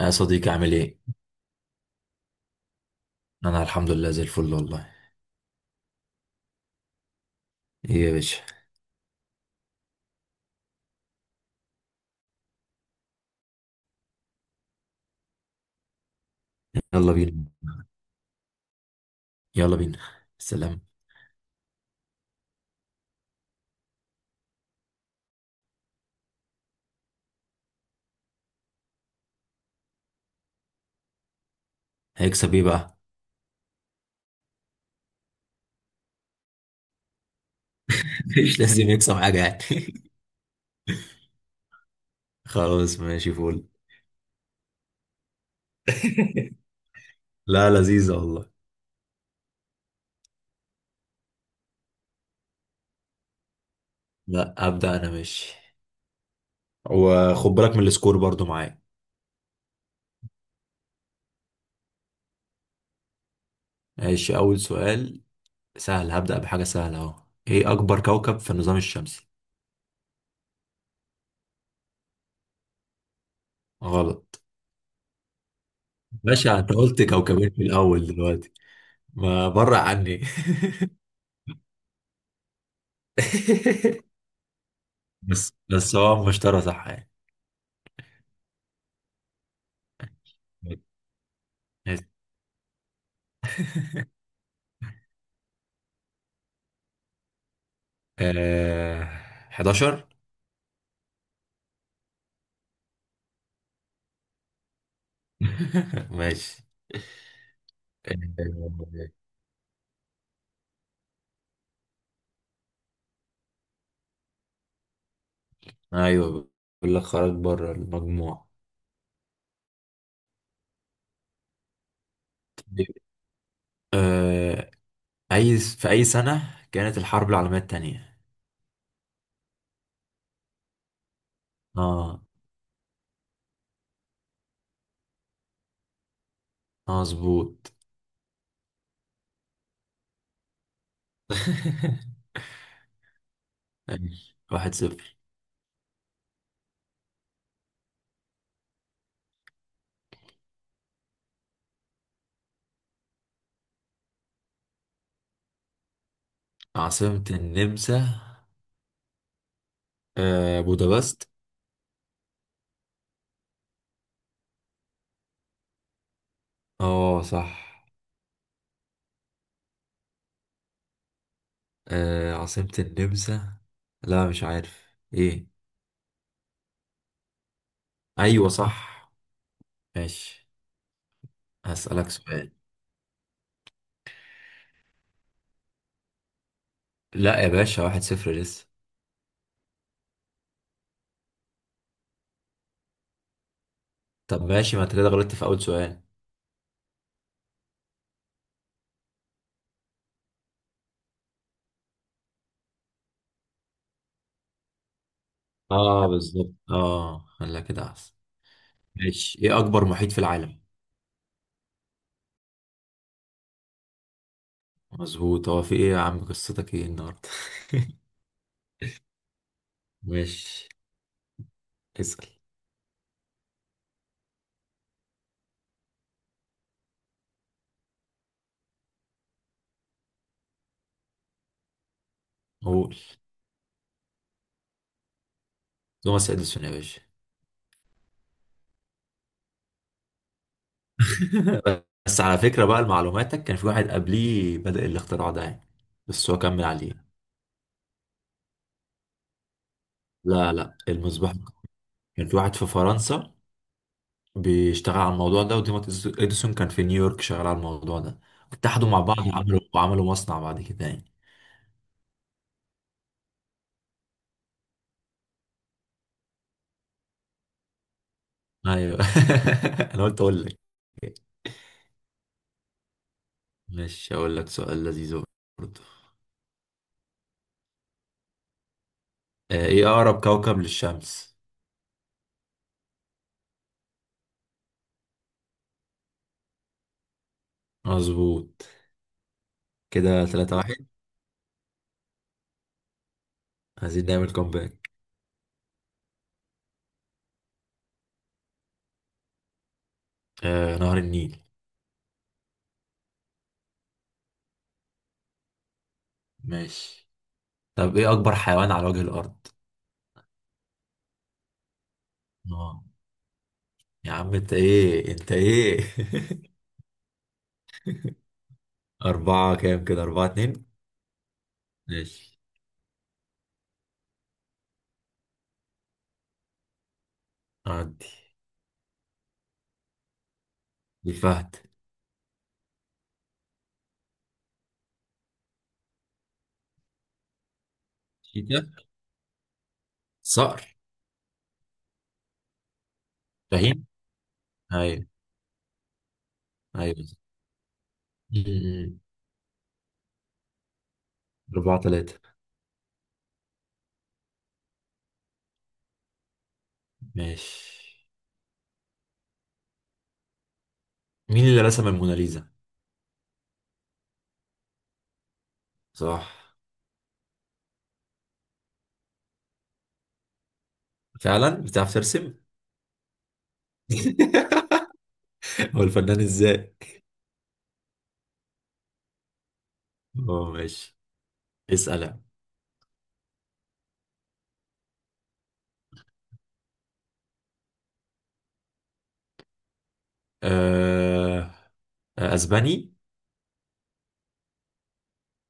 يا صديقي عامل ايه؟ انا الحمد لله زي الفل والله. ايه يا باشا. يلا بينا. يلا بينا. سلام. هيكسب ايه بقى؟ مش لازم يكسب حاجة يعني. خلاص ماشي فول. لا لذيذة والله. لا ابدأ انا ماشي. وخد بالك من السكور برضو معايا. ماشي، اول سؤال. سهل، هبدأ بحاجة سهلة اهو. ايه اكبر كوكب في النظام الشمسي؟ غلط. باشا انت قلت كوكبين في الاول دلوقتي، ما برع عني. بس هو المشترى صح يعني. ماشي. آه... 11. ماشي. آه... ايوه، بقول لك خرج بره المجموع. طيب، آه... اي في سنة كانت الحرب العالمية التانية؟ اه. مظبوط. ماشي. واحد صفر. عاصمة النمسا؟ بودابست. اه صح. عاصمة النمسا، لا مش عارف ايه. ايوه صح. ماشي. هسألك سؤال. لا يا باشا واحد صفر لسه. طب ماشي، ما انت كده غلطت في اول سؤال. اه بالظبط، اه خليها كده احسن. ماشي، ايه اكبر محيط في العالم؟ مظبوط، هو في ايه يا عم قصتك ايه النهارده؟ ماشي. اسأل. قول. توماس اديسون يا باشا. بس على فكرة بقى لمعلوماتك كان في واحد قبليه بدأ الاختراع ده يعني. بس هو كمل عليه. لا لا، المصباح. كان في واحد في فرنسا بيشتغل على الموضوع ده، وتوماس اديسون كان في نيويورك شغال على الموضوع ده. اتحدوا مع بعض وعملوا مصنع بعد كده يعني. ايوه. انا قلت اقول لك. مش هقول لك سؤال لذيذ برضه. ايه اقرب كوكب للشمس؟ مظبوط. كده ثلاثة واحد. عايزين نعمل كومباك. نهر النيل. ماشي. طب ايه اكبر حيوان على وجه الارض؟ اه، يا عم انت ايه انت ايه؟ أربعة كام؟ كده أربعة اتنين. ماشي. عدي. الفهد. صقر. فهيم. ايوه، ايوه. أمم. أربعة تلاتة. ماشي. مين اللي رسم الموناليزا؟ صح. فعلا بتعرف ترسم؟ هو الفنان ازاي؟ اه ماشي. اسأل يعني. أه... اسباني؟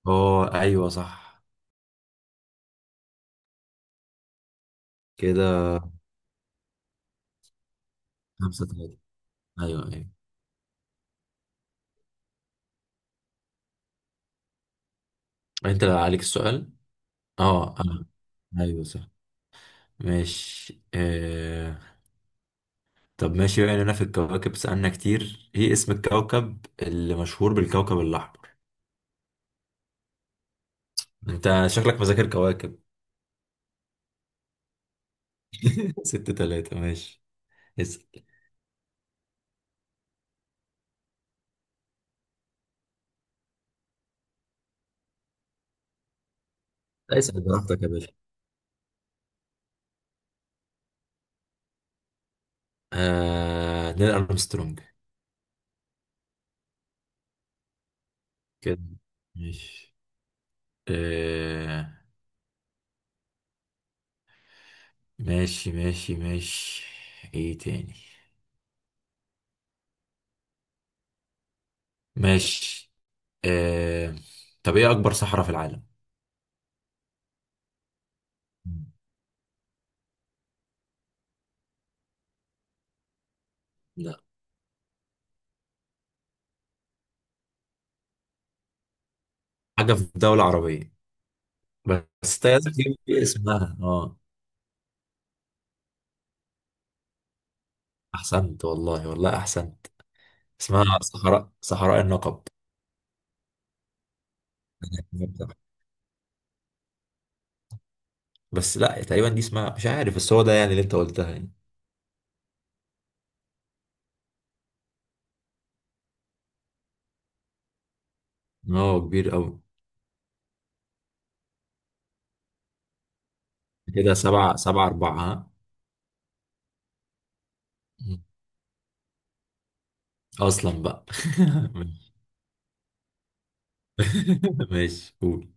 اه ايوه صح. كده خمسة تلاتة. ايوه، ايوه. انت اللي عليك السؤال؟ اه انا. ايوه صح. ماشي. طب ماشي بقى لنا في الكواكب، سألنا كتير، ايه اسم الكوكب اللي مشهور بالكوكب الأحمر؟ انت شكلك مذاكر كواكب. ست تلاتة. ماشي. اسأل. اسال براحتك يا باشا. نيل أرمسترونج. كده. ماشي. آه... ماشي ماشي ماشي، ايه تاني؟ ماشي. آه... طب ايه أكبر صحراء في العالم؟ لا، حاجة في دولة عربية بس. انت لازم تجيب اسمها اه. أحسنت والله، والله أحسنت. اسمها صحراء النقب. بس لا تقريبا دي اسمها مش عارف، بس هو ده يعني اللي انت قلتها يعني. إن هو كبير قوي. كده سبعة أربعة، ها؟ مم. أصلا بقى. ماشي، قول.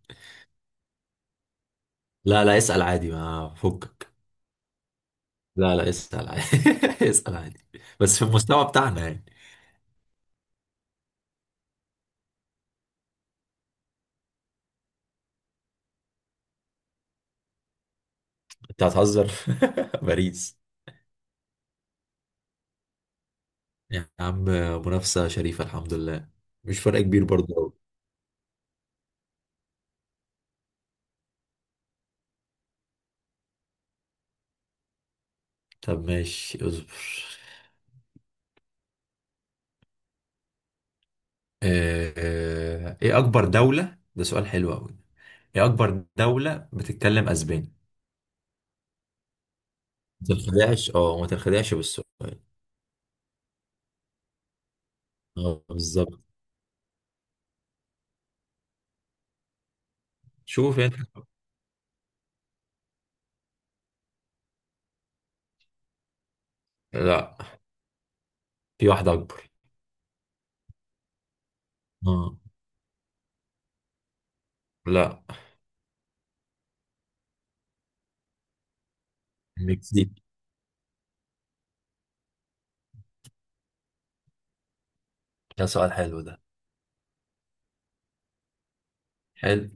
لا لا، اسأل عادي ما فكك. لا لا، اسأل عادي. اسأل عادي. بس في المستوى بتاعنا يعني. انت هتهزر. باريس. يا عم، منافسة شريفة الحمد لله. مش فرق كبير برضه أوي. طب ماشي، اصبر. ايه اكبر دولة، ده سؤال حلو قوي. ايه اكبر دولة بتتكلم اسباني؟ ما تنخدعش، اه ما تنخدعش بالسؤال. اه بالظبط. شوف انت. لا. في واحدة أكبر. اه. لا. المكسيك. ده سؤال حلو ده. حلو.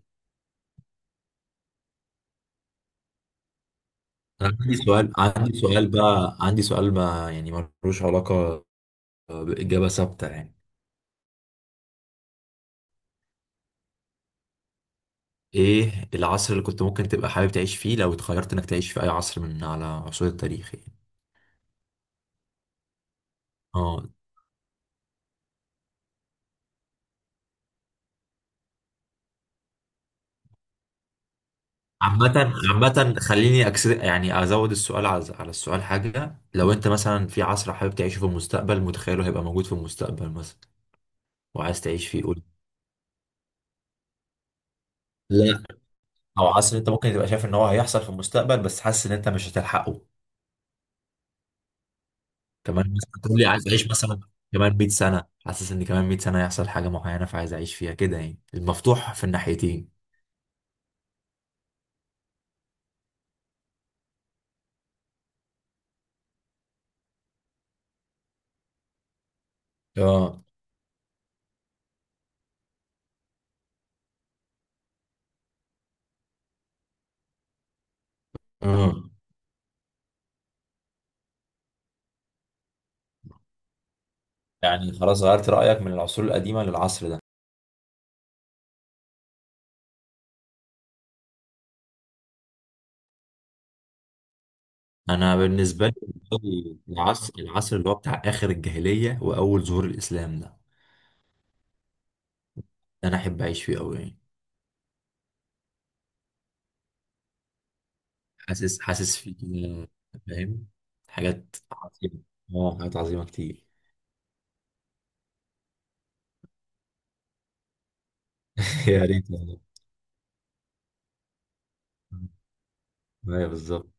أنا عندي سؤال، عندي سؤال بقى، عندي سؤال ما يعني ملوش علاقة بإجابة ثابتة يعني. إيه العصر اللي كنت ممكن تبقى حابب تعيش فيه لو اتخيرت إنك تعيش في أي عصر من على عصور التاريخ يعني؟ اه. عامة، عامة خليني يعني أزود السؤال على السؤال حاجة، لو أنت مثلا في عصر حابب تعيشه في المستقبل متخيله هيبقى موجود في المستقبل مثلا وعايز تعيش فيه، قول. لا. أو عصر أنت ممكن تبقى شايف إن هو هيحصل في المستقبل بس حاسس إن أنت مش هتلحقه. كمان مثلا تقول لي عايز أعيش مثلا كمان 100 سنة، حاسس إن كمان 100 سنة هيحصل حاجة معينة فعايز أعيش فيها كده، يعني المفتوح في الناحيتين. اه. اه. يعني خلاص غيرت رأيك من العصور القديمة للعصر ده؟ انا بالنسبه لي العصر اللي هو بتاع اخر الجاهليه واول ظهور الاسلام ده. ده انا احب اعيش فيه قوي يعني. حاسس فيه كده. فاهم، حاجات عظيمه. اه، حاجات عظيمه كتير. يا ريت والله. ايوه بالظبط.